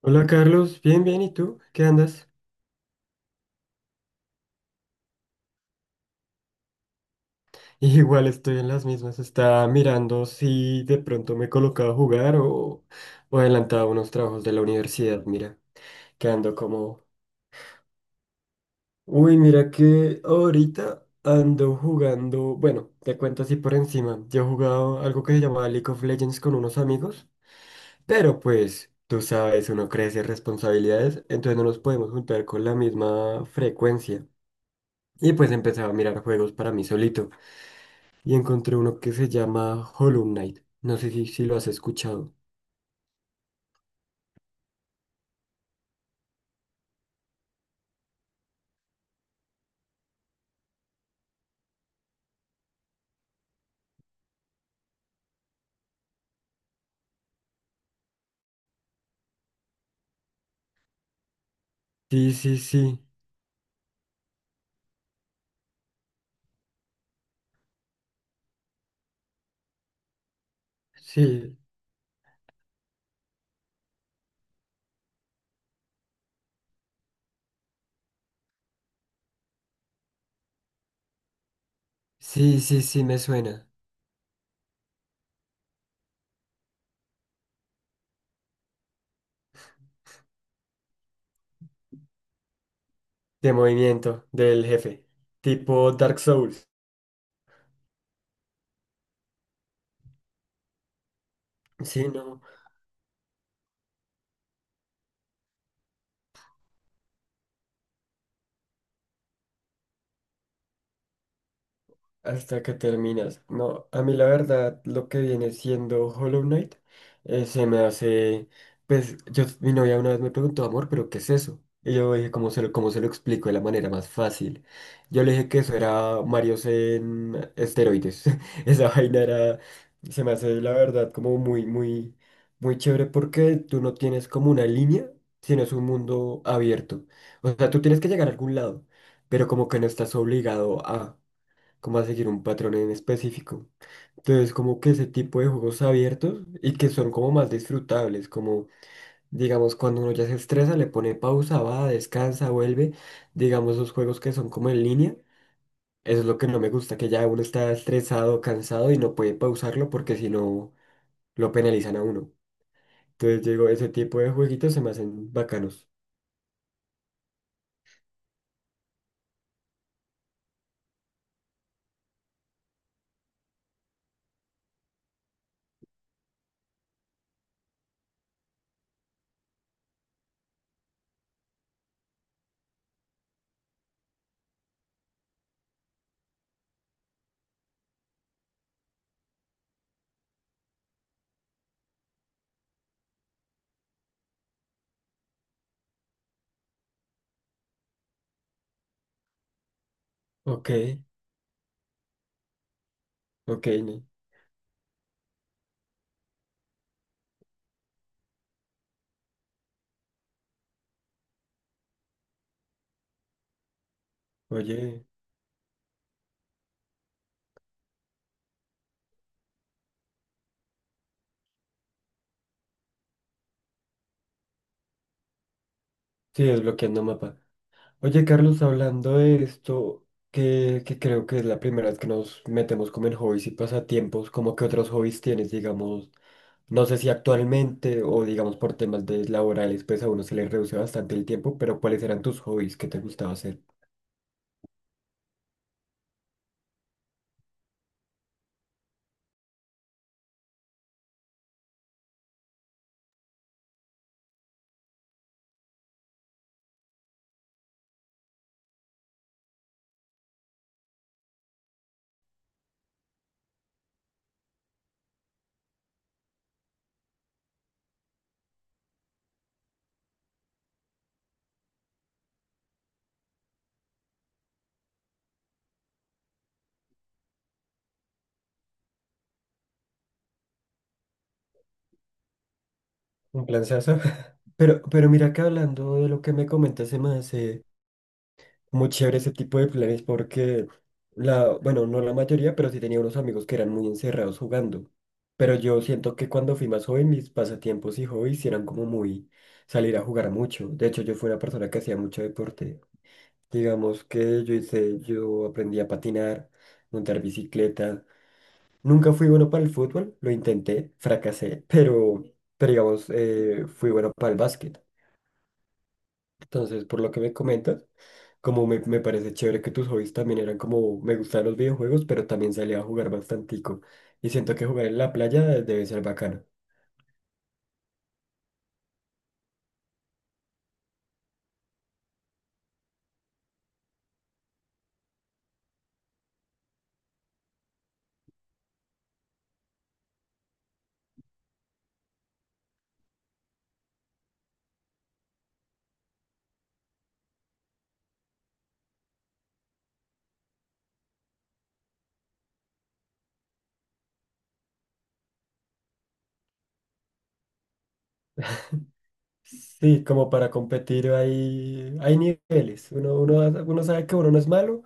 Hola Carlos, bien, bien, ¿y tú? ¿Qué andas? Igual estoy en las mismas, estaba mirando si de pronto me colocaba a jugar o adelantaba unos trabajos de la universidad, mira, que ando como... Uy, mira que ahorita ando jugando, bueno, te cuento así por encima, yo he jugado algo que se llamaba League of Legends con unos amigos, pero pues tú sabes, uno crece responsabilidades, entonces no nos podemos juntar con la misma frecuencia. Y pues empezaba a mirar juegos para mí solito. Y encontré uno que se llama Hollow Knight. No sé si lo has escuchado. Sí, sí, sí, sí, sí, sí, sí, me suena. De movimiento del jefe, tipo Dark Souls. Sí, no. Hasta que terminas. No, a mí la verdad, lo que viene siendo Hollow Knight se me hace. Pues yo, mi novia una vez me preguntó, amor, ¿pero qué es eso? Y yo dije, ¿cómo se lo explico de la manera más fácil? Yo le dije que eso era Marios en esteroides. Esa vaina era. Se me hace, la verdad, como muy, muy, muy chévere porque tú no tienes como una línea, sino es un mundo abierto. O sea, tú tienes que llegar a algún lado, pero como que no estás obligado a como a seguir un patrón en específico. Entonces, como que ese tipo de juegos abiertos y que son como más disfrutables, como digamos cuando uno ya se estresa, le pone pausa, va, descansa, vuelve, digamos los juegos que son como en línea, eso es lo que no me gusta, que ya uno está estresado, cansado y no puede pausarlo porque si no lo penalizan a uno. Entonces, digo, ese tipo de jueguitos se me hacen bacanos. Ok, ok, oye, sí, desbloqueando mapa. Oye, Carlos, hablando de esto, que creo que es la primera vez que nos metemos como en hobbies y pasatiempos, como que otros hobbies tienes, digamos, no sé si actualmente o digamos por temas de laborales, pues a uno se le reduce bastante el tiempo, pero ¿cuáles eran tus hobbies que te gustaba hacer? Un planzazo. Pero mira que hablando de lo que me comentas, se me hace muy chévere ese tipo de planes porque bueno, no la mayoría, pero sí tenía unos amigos que eran muy encerrados jugando. Pero yo siento que cuando fui más joven, mis pasatiempos y hobbies eran como muy salir a jugar mucho. De hecho, yo fui una persona que hacía mucho deporte. Digamos que yo hice, yo aprendí a patinar, montar bicicleta. Nunca fui bueno para el fútbol, lo intenté, fracasé, pero digamos, fui bueno para el básquet. Entonces, por lo que me comentas, como me parece chévere que tus hobbies también eran como, me gustaban los videojuegos, pero también salía a jugar bastantico. Y siento que jugar en la playa debe ser bacano. Sí, como para competir hay niveles. Uno sabe que uno no es malo,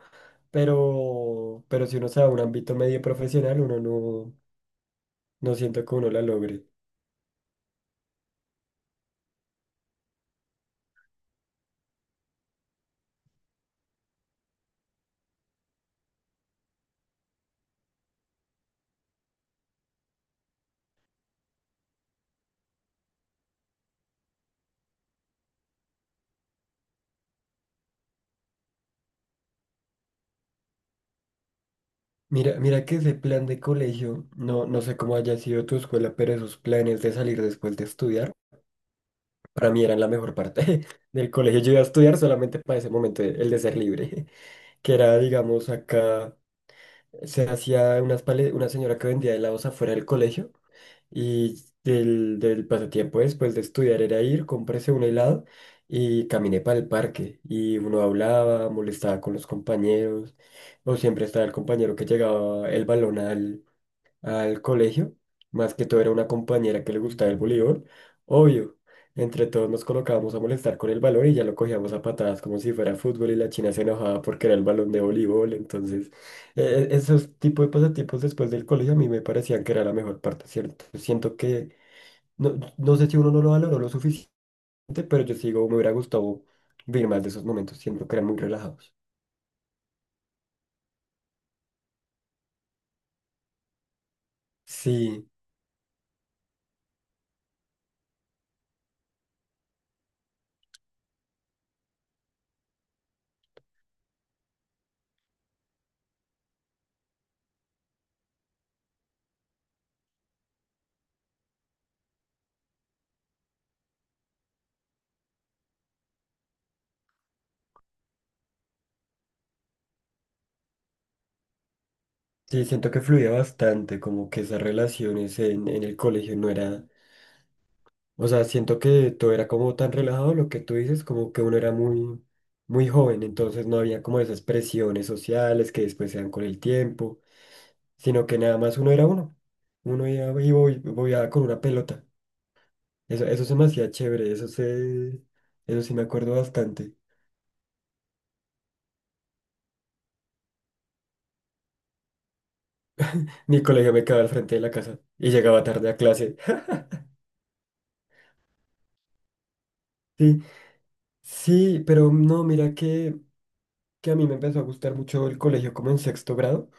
pero si uno sabe un ámbito medio profesional, uno no, no siento que uno la logre. Mira, mira que ese plan de colegio, no, no sé cómo haya sido tu escuela, pero esos planes de salir después de estudiar. Para mí eran la mejor parte del colegio. Yo iba a estudiar solamente para ese momento, el de ser libre, que era, digamos, acá se hacía unas una señora que vendía helados afuera del colegio y del pasatiempo después de estudiar era ir, cómprese un helado y caminé para el parque y uno hablaba, molestaba con los compañeros o siempre estaba el compañero que llegaba el balón al colegio, más que todo era una compañera que le gustaba el voleibol, obvio. Entre todos nos colocábamos a molestar con el balón y ya lo cogíamos a patadas como si fuera fútbol y la china se enojaba porque era el balón de voleibol. Entonces, e- esos tipos de pasatiempos después del colegio a mí me parecían que era la mejor parte, ¿cierto? Siento que, no, no sé si uno no lo valoró lo suficiente, pero yo sigo, me hubiera gustado vivir más de esos momentos, siento que eran muy relajados. Sí, sí, siento que fluía bastante, como que esas relaciones en el colegio no era. O sea, siento que todo era como tan relajado, lo que tú dices, como que uno era muy, muy joven, entonces no había como esas presiones sociales que después se dan con el tiempo, sino que nada más uno era uno. Uno iba y voyaba con una pelota. Eso se me hacía chévere, eso sí me acuerdo bastante. Mi colegio me quedaba al frente de la casa y llegaba tarde a clase. Sí, sí, pero no, mira que a mí me empezó a gustar mucho el colegio como en sexto grado.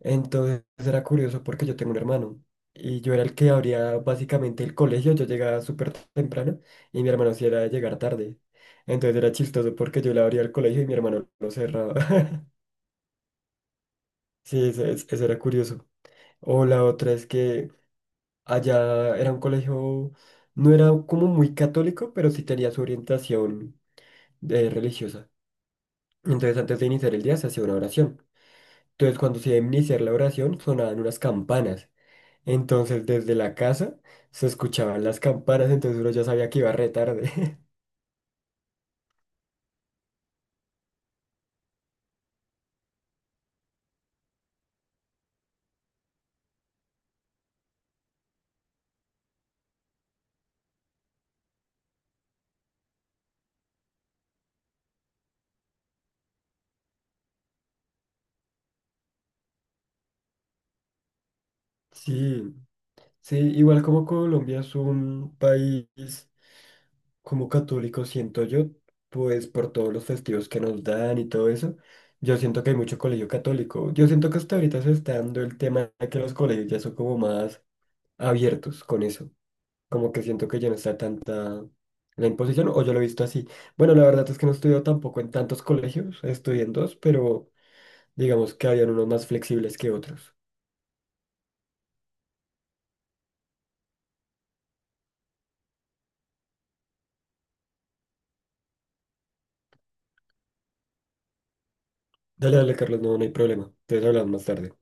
Entonces era curioso porque yo tengo un hermano y yo era el que abría básicamente el colegio, yo llegaba súper temprano y mi hermano sí era de llegar tarde. Entonces era chistoso porque yo le abría el colegio y mi hermano lo cerraba. Sí, eso, eso era curioso. O la otra es que allá era un colegio, no era como muy católico, pero sí tenía su orientación religiosa. Entonces antes de iniciar el día se hacía una oración. Entonces cuando se iba a iniciar la oración sonaban unas campanas. Entonces, desde la casa se escuchaban las campanas, entonces uno ya sabía que iba re tarde. Sí, sí, igual como Colombia es un país como católico, siento yo, pues por todos los festivos que nos dan y todo eso, yo siento que hay mucho colegio católico. Yo siento que hasta ahorita se está dando el tema de que los colegios ya son como más abiertos con eso. Como que siento que ya no está tanta la imposición, o yo lo he visto así. Bueno, la verdad es que no estudio tampoco en tantos colegios, estudié en dos, pero... digamos que habían unos más flexibles que otros. Dale, dale, Carlos, no, no hay problema. Entonces hablamos más tarde.